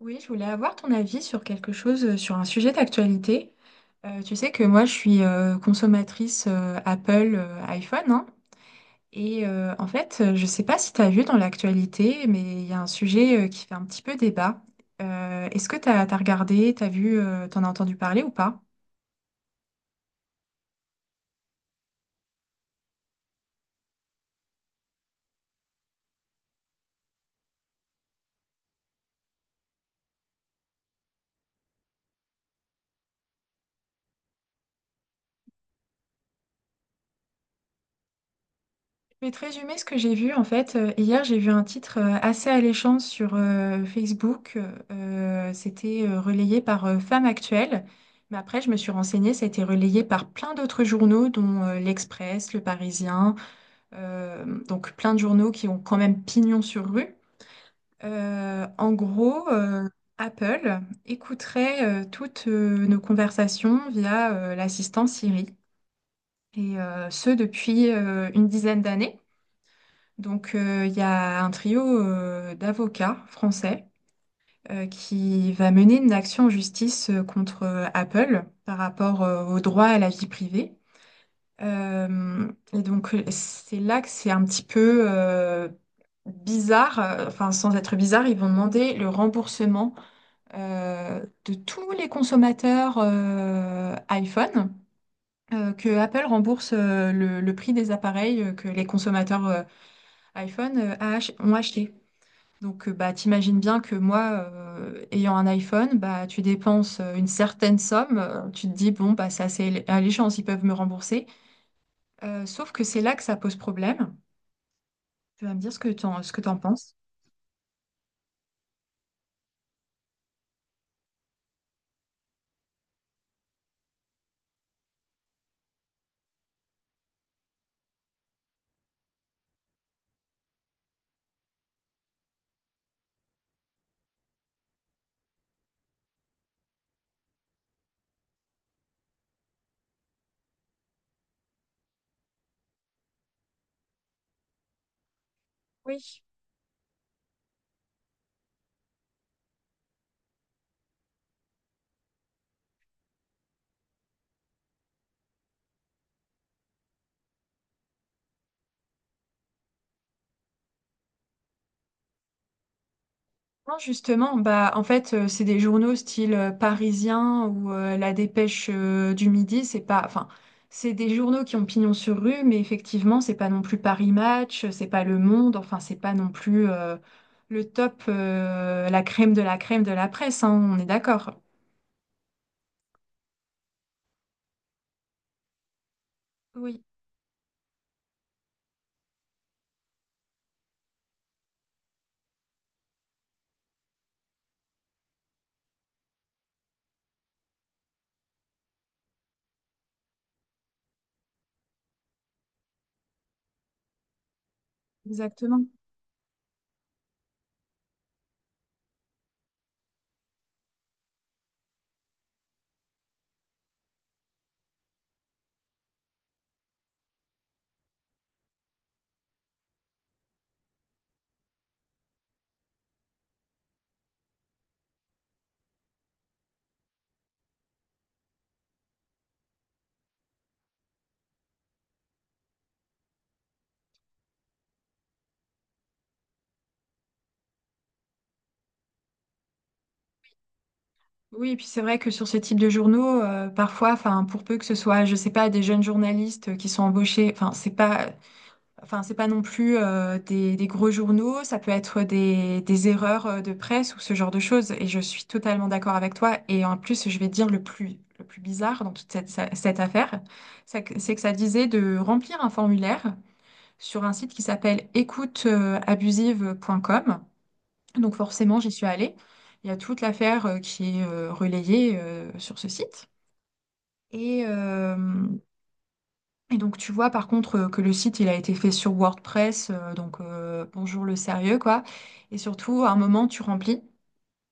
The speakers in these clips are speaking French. Oui, je voulais avoir ton avis sur quelque chose, sur un sujet d'actualité. Tu sais que moi, je suis consommatrice Apple iPhone, hein. Et en fait, je ne sais pas si tu as vu dans l'actualité, mais il y a un sujet qui fait un petit peu débat. Est-ce que tu as regardé, tu as vu, tu en as entendu parler ou pas? Je vais te résumer ce que j'ai vu. En fait, hier, j'ai vu un titre assez alléchant sur Facebook. C'était relayé par Femme Actuelle. Mais après, je me suis renseignée, ça a été relayé par plein d'autres journaux, dont l'Express, Le Parisien. Donc, plein de journaux qui ont quand même pignon sur rue. En gros, Apple écouterait toutes nos conversations via l'assistant Siri. Et ce, depuis une dizaine d'années. Donc, il y a un trio d'avocats français qui va mener une action en justice contre Apple par rapport au droit à la vie privée. Euh, et donc, c'est là que c'est un petit peu bizarre, enfin, sans être bizarre, ils vont demander le remboursement de tous les consommateurs iPhone. Que Apple rembourse le prix des appareils que les consommateurs iPhone ont acheté. Donc, bah, t'imagines bien que moi, ayant un iPhone, bah, tu dépenses une certaine somme, tu te dis, bon, bah, c'est alléchant, ils peuvent me rembourser. Sauf que c'est là que ça pose problème. Tu vas me dire ce que t'en penses. Oui. Non, justement, bah en fait, c'est des journaux style Parisien ou La Dépêche du Midi, c'est pas enfin, c'est des journaux qui ont pignon sur rue, mais effectivement, c'est pas non plus Paris Match, c'est pas Le Monde, enfin, c'est pas non plus le top la crème de la crème de la presse, hein, on est d'accord. Oui, exactement. Oui, et puis c'est vrai que sur ce type de journaux, parfois, enfin, pour peu que ce soit, je sais pas, des jeunes journalistes qui sont embauchés, enfin, c'est pas enfin, c'est pas non plus des gros journaux, ça peut être des erreurs de presse ou ce genre de choses. Et je suis totalement d'accord avec toi. Et en plus, je vais te dire le plus bizarre dans cette affaire, c'est que ça disait de remplir un formulaire sur un site qui s'appelle écouteabusive.com. Donc forcément, j'y suis allée. Il y a toute l'affaire qui est relayée sur ce site. Et et donc tu vois par contre que le site il a été fait sur WordPress, donc bonjour le sérieux quoi. Et surtout à un moment tu remplis,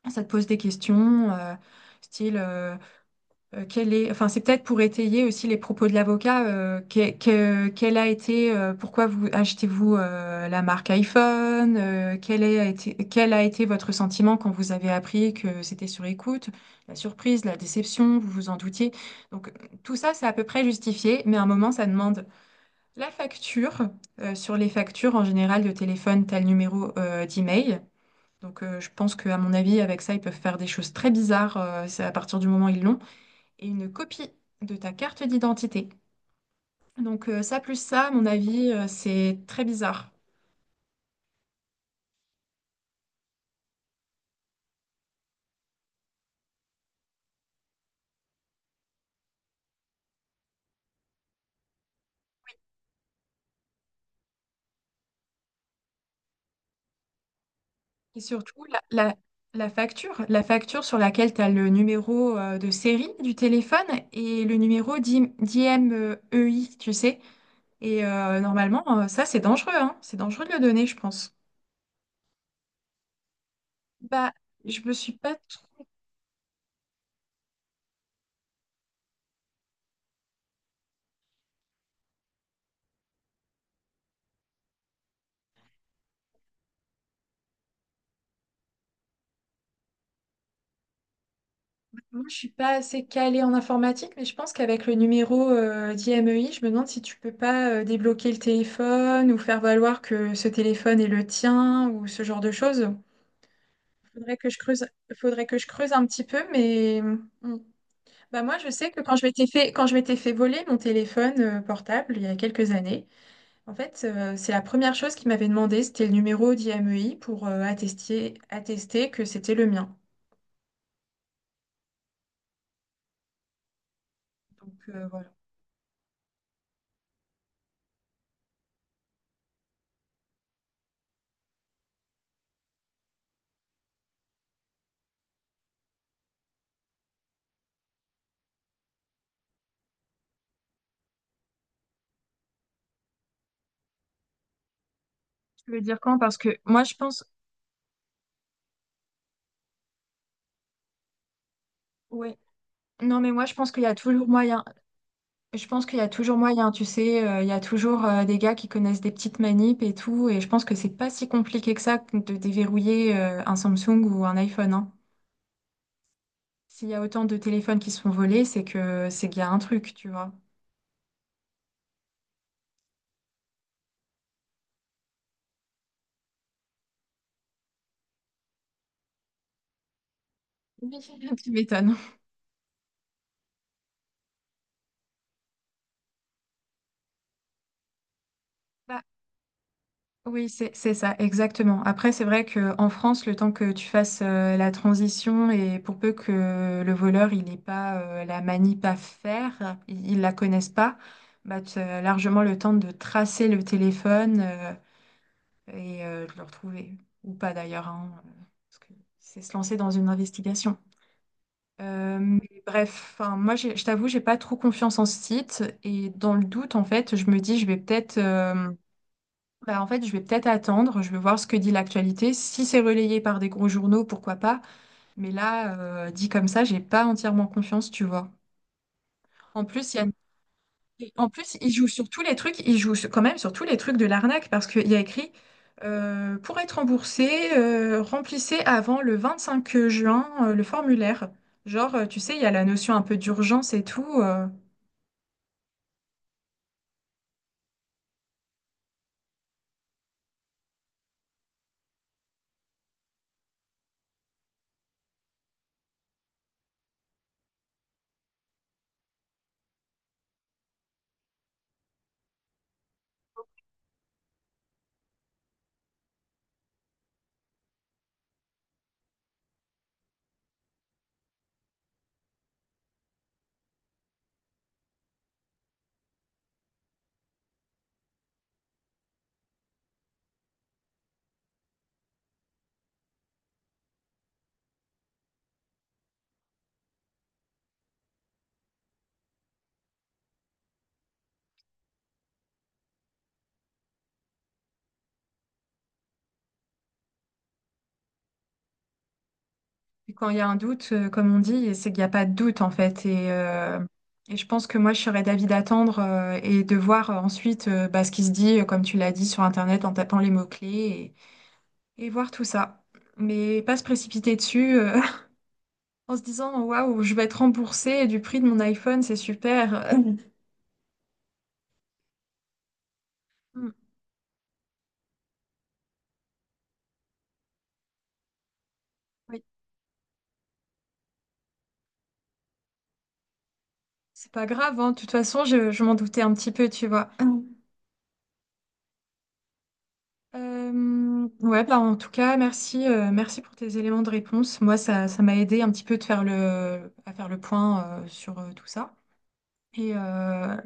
ça te pose des questions, style quel est, enfin c'est peut-être pour étayer aussi les propos de l'avocat, quel a été, pourquoi vous achetez-vous la marque iPhone, quel a été votre sentiment quand vous avez appris que c'était sur écoute, la surprise, la déception, vous vous en doutiez. Donc tout ça c'est à peu près justifié, mais à un moment ça demande. La facture, sur les factures en général de téléphone, t'as le numéro d'email. Donc je pense qu'à mon avis, avec ça, ils peuvent faire des choses très bizarres. C'est à partir du moment où ils l'ont. Et une copie de ta carte d'identité. Donc ça plus ça, à mon avis, c'est très bizarre. Et surtout, la facture, la facture sur laquelle tu as le numéro de série du téléphone et le numéro d'IMEI, tu sais. Et normalement, ça, c'est dangereux, hein. C'est dangereux de le donner, je pense. Bah, je me suis pas trop... Moi, je suis pas assez calée en informatique, mais je pense qu'avec le numéro d'IMEI, je me demande si tu peux pas débloquer le téléphone ou faire valoir que ce téléphone est le tien ou ce genre de choses. Faudrait que je creuse, faudrait que je creuse un petit peu, mais mm. Bah moi, je sais que quand je m'étais fait voler mon téléphone portable il y a quelques années, en fait, c'est la première chose qu'ils m'avaient demandé, c'était le numéro d'IMEI pour attester que c'était le mien. Donc, voilà. Tu veux dire quand? Parce que moi, je pense, ouais. Non, mais moi, je pense qu'il y a toujours moyen. Je pense qu'il y a toujours moyen, tu sais. Il y a toujours des gars qui connaissent des petites manips et tout. Et je pense que c'est pas si compliqué que ça de déverrouiller un Samsung ou un iPhone, hein. S'il y a autant de téléphones qui se font voler, c'est que c'est qu'il y a un truc, tu vois. Oui. Tu m'étonnes. Bah, oui, c'est ça, exactement. Après, c'est vrai que en France, le temps que tu fasses la transition et pour peu que le voleur, il n'ait pas la manip à faire, il ne la connaisse pas, bah, tu as largement le temps de tracer le téléphone et de le retrouver. Ou pas d'ailleurs, hein, parce que c'est se lancer dans une investigation. Mais bref, enfin, moi, je t'avoue, j'ai pas trop confiance en ce site et dans le doute, en fait, je me dis, je vais peut-être... Bah, en fait, je vais peut-être attendre, je vais voir ce que dit l'actualité. Si c'est relayé par des gros journaux, pourquoi pas. Mais là, dit comme ça, j'ai pas entièrement confiance, tu vois. En plus, il y a... En plus, ils jouent sur tous les trucs, quand même sur tous les trucs de l'arnaque parce qu'il y a écrit pour être remboursé, remplissez avant le 25 juin le formulaire. Genre, tu sais, il y a la notion un peu d'urgence et tout. Et quand il y a un doute, comme on dit, c'est qu'il n'y a pas de doute en fait. Et et je pense que moi, je serais d'avis d'attendre et de voir ensuite bah, ce qui se dit, comme tu l'as dit, sur Internet en tapant les mots-clés et voir tout ça. Mais pas se précipiter dessus en se disant, waouh, je vais être remboursée du prix de mon iPhone, c'est super. Mm. Mm. Oui, c'est pas grave, hein. De toute façon, je m'en doutais un petit peu, tu vois. Ouais, bah, en tout cas, merci, merci pour tes éléments de réponse. Moi, ça m'a aidé un petit peu de faire à faire le point, sur, tout ça. Et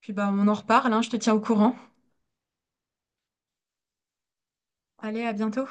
puis bah, on en reparle, hein, je te tiens au courant. Allez, à bientôt.